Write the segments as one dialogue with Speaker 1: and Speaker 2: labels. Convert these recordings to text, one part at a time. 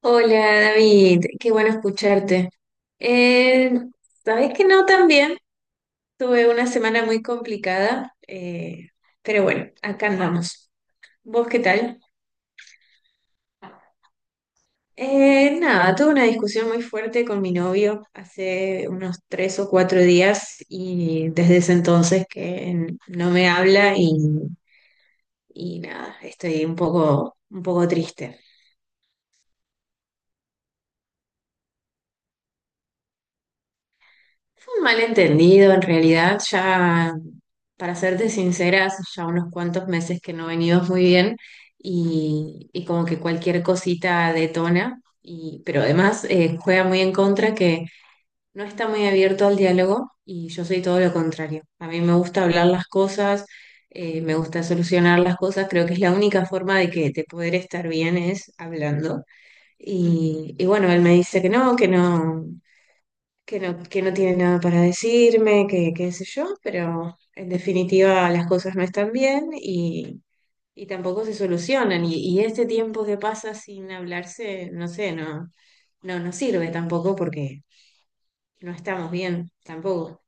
Speaker 1: Hola David, qué bueno escucharte. Eh, sabes que no también, tuve una semana muy complicada, pero bueno, acá andamos. ¿Vos qué tal? Nada, tuve una discusión muy fuerte con mi novio hace unos tres o cuatro días y desde ese entonces que no me habla y nada, estoy un poco triste. Fue un malentendido, en realidad, ya, para serte sincera, hace ya unos cuantos meses que no venimos muy bien y como que cualquier cosita detona, y, pero además juega muy en contra que no está muy abierto al diálogo y yo soy todo lo contrario. A mí me gusta hablar las cosas, me gusta solucionar las cosas, creo que es la única forma de que de poder estar bien es hablando. Y bueno, él me dice que no, que no, que no tiene nada para decirme, que qué sé yo, pero en definitiva las cosas no están bien y tampoco se solucionan. Y este tiempo que pasa sin hablarse, no sé, no, no nos sirve tampoco porque no estamos bien tampoco.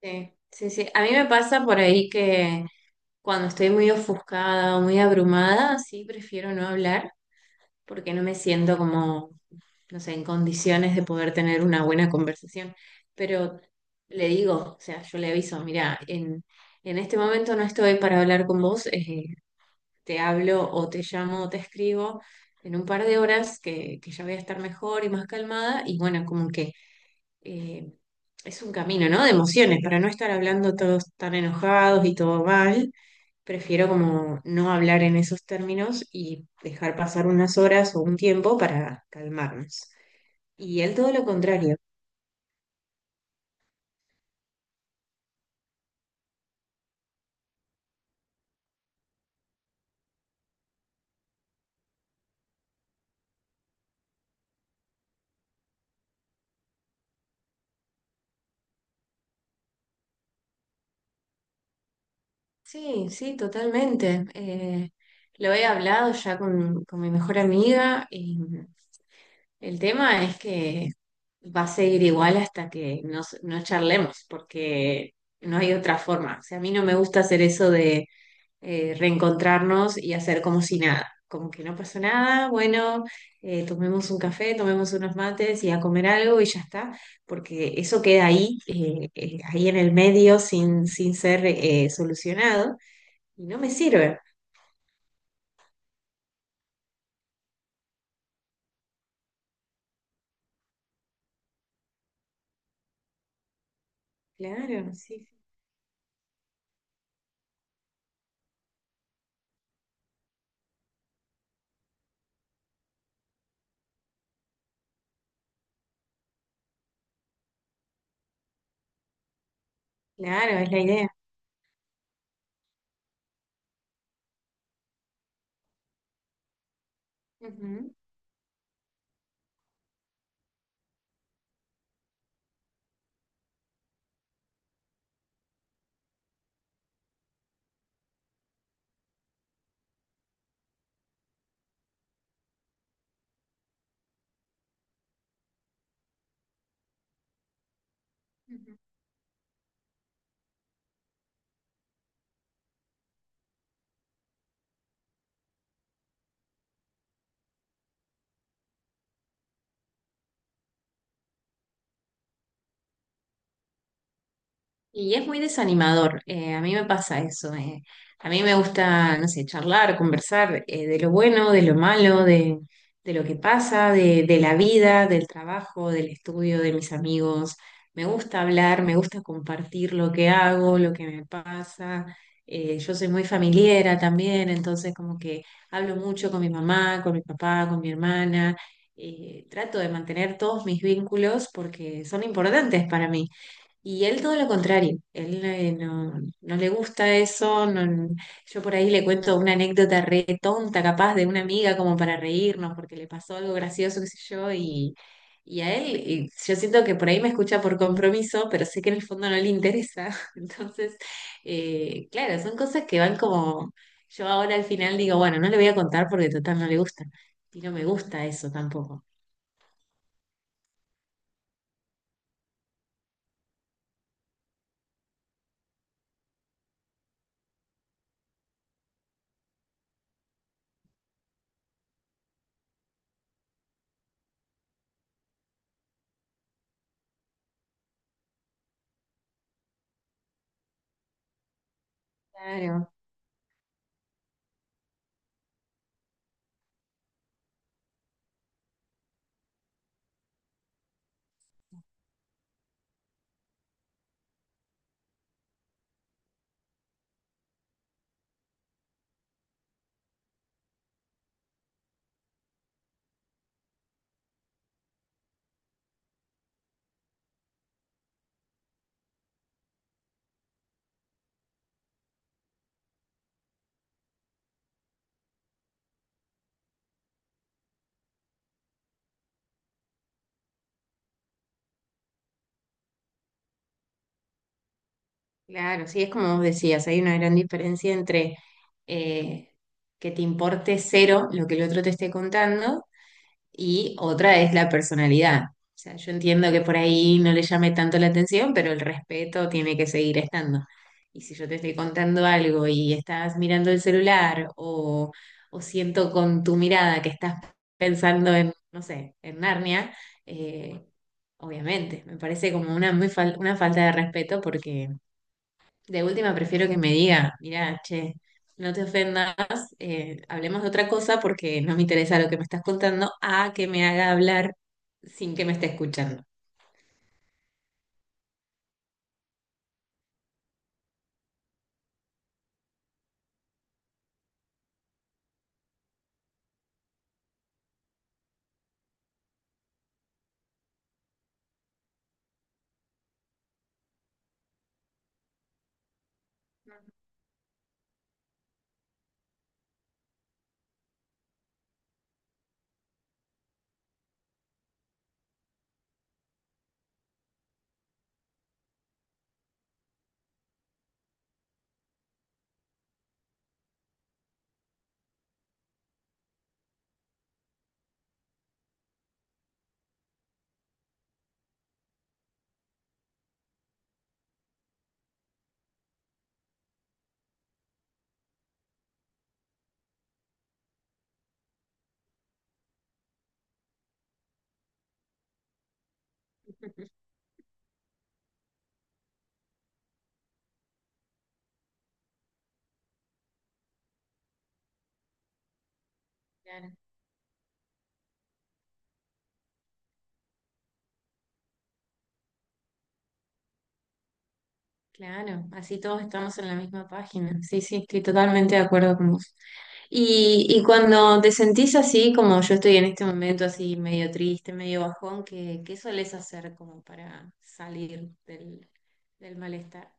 Speaker 1: Sí, sí, sí. A mí me pasa por ahí que cuando estoy muy ofuscada o muy abrumada, sí prefiero no hablar porque no me siento como no sé, en condiciones de poder tener una buena conversación. Pero le digo, o sea, yo le aviso, mira, en este momento no estoy para hablar con vos, te hablo o te llamo o te escribo en un par de horas que ya voy a estar mejor y más calmada. Y bueno, como que eh, es un camino, ¿no? De emociones, para no estar hablando todos tan enojados y todo mal. Prefiero como no hablar en esos términos y dejar pasar unas horas o un tiempo para calmarnos. Y él todo lo contrario. Sí, sí, totalmente. Lo he hablado ya con mi mejor amiga y el tema es que va a seguir igual hasta que no charlemos, porque no hay otra forma. O sea, a mí no me gusta hacer eso reencontrarnos y hacer como si nada, como que no pasó nada, bueno, tomemos un café, tomemos unos mates y a comer algo y ya está, porque eso queda ahí, ahí en el medio sin, sin ser solucionado y no me sirve. Claro, sí, claro, es la idea. Ujú, ujú. Y es muy desanimador, a mí me pasa eso. A mí me gusta, no sé, charlar, conversar de lo bueno, de lo malo, de lo que pasa, de la vida, del trabajo, del estudio, de mis amigos. Me gusta hablar, me gusta compartir lo que hago, lo que me pasa. Yo soy muy familiera también, entonces como que hablo mucho con mi mamá, con mi papá, con mi hermana. Trato de mantener todos mis vínculos porque son importantes para mí. Y él todo lo contrario, él no, no le gusta eso, yo por ahí le cuento una anécdota re tonta capaz de una amiga como para reírnos porque le pasó algo gracioso, qué sé yo, y a él y yo siento que por ahí me escucha por compromiso, pero sé que en el fondo no le interesa. Entonces, claro, son cosas que van como, yo ahora al final digo, bueno, no le voy a contar porque total no le gusta, y no me gusta eso tampoco. Claro. Claro, sí, es como vos decías, hay una gran diferencia entre eh, que te importe cero lo que el otro te esté contando y otra es la personalidad. O sea, yo entiendo que por ahí no le llame tanto la atención, pero el respeto tiene que seguir estando. Y si yo te estoy contando algo y estás mirando el celular o siento con tu mirada que estás pensando en, no sé, en Narnia, eh, obviamente, me parece como una, una falta de respeto porque de última prefiero que me diga, mirá, che, no te ofendas, hablemos de otra cosa porque no me interesa lo que me estás contando, a que me haga hablar sin que me esté escuchando. Claro, claro, así todos estamos en la misma página. Sí, sí, estoy totalmente de acuerdo con vos. Y cuando te sentís así, como yo estoy en este momento, así medio triste, medio bajón, ¿qué, qué solés hacer como para salir del malestar?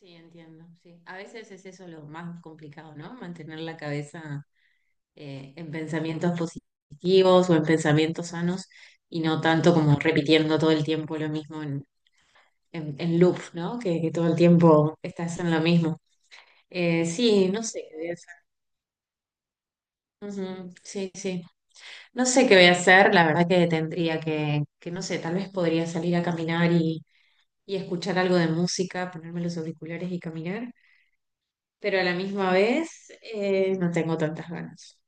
Speaker 1: Sí, entiendo, sí. A veces es eso lo más complicado, ¿no? Mantener la cabeza en pensamientos positivos o en pensamientos sanos y no tanto como repitiendo todo el tiempo lo mismo en loop, ¿no? Que todo el tiempo estás en lo mismo. Sí, no sé qué voy a hacer. Ujú, sí, sí. No sé qué voy a hacer. La verdad que tendría que no sé, tal vez podría salir a caminar y escuchar algo de música, ponerme los auriculares y caminar. Pero a la misma vez no tengo tantas ganas.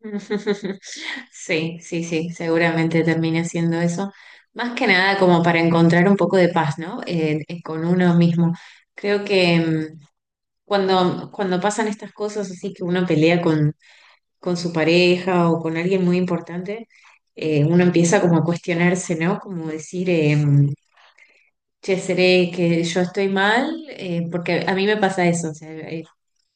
Speaker 1: Sí, sí, sí, seguramente termine haciendo eso. Más que nada como para encontrar un poco de paz, ¿no? Con uno mismo. Creo que cuando, cuando pasan estas cosas así que uno pelea con su pareja o con alguien muy importante, uno empieza como a cuestionarse, ¿no? Como decir, che, ¿seré que yo estoy mal? Porque a mí me pasa eso, o sea,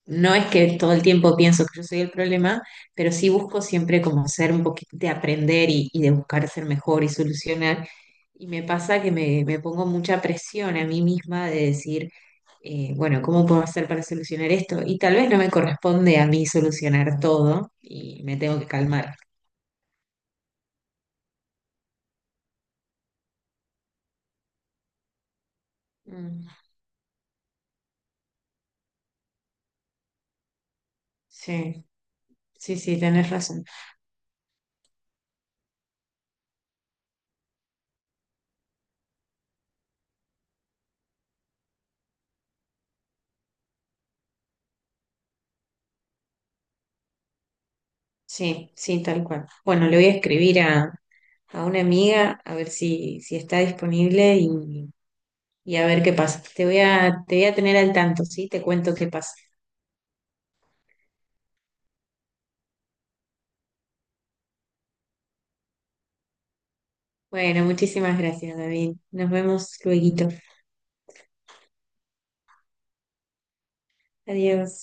Speaker 1: no es que todo el tiempo pienso que yo soy el problema, pero sí busco siempre como ser un poquito de aprender y de buscar ser mejor y solucionar. Y me pasa que me pongo mucha presión a mí misma de decir, bueno, ¿cómo puedo hacer para solucionar esto? Y tal vez no me corresponde a mí solucionar todo y me tengo que calmar. Mm, sí, sí, sí, tenés razón. Sí, sí, tal cual. Bueno, le voy a escribir a una amiga a ver si, si está disponible y a ver qué pasa. Te voy a tener al tanto, ¿sí? Te cuento qué pasa. Bueno, muchísimas gracias, David. Nos vemos luego. Adiós.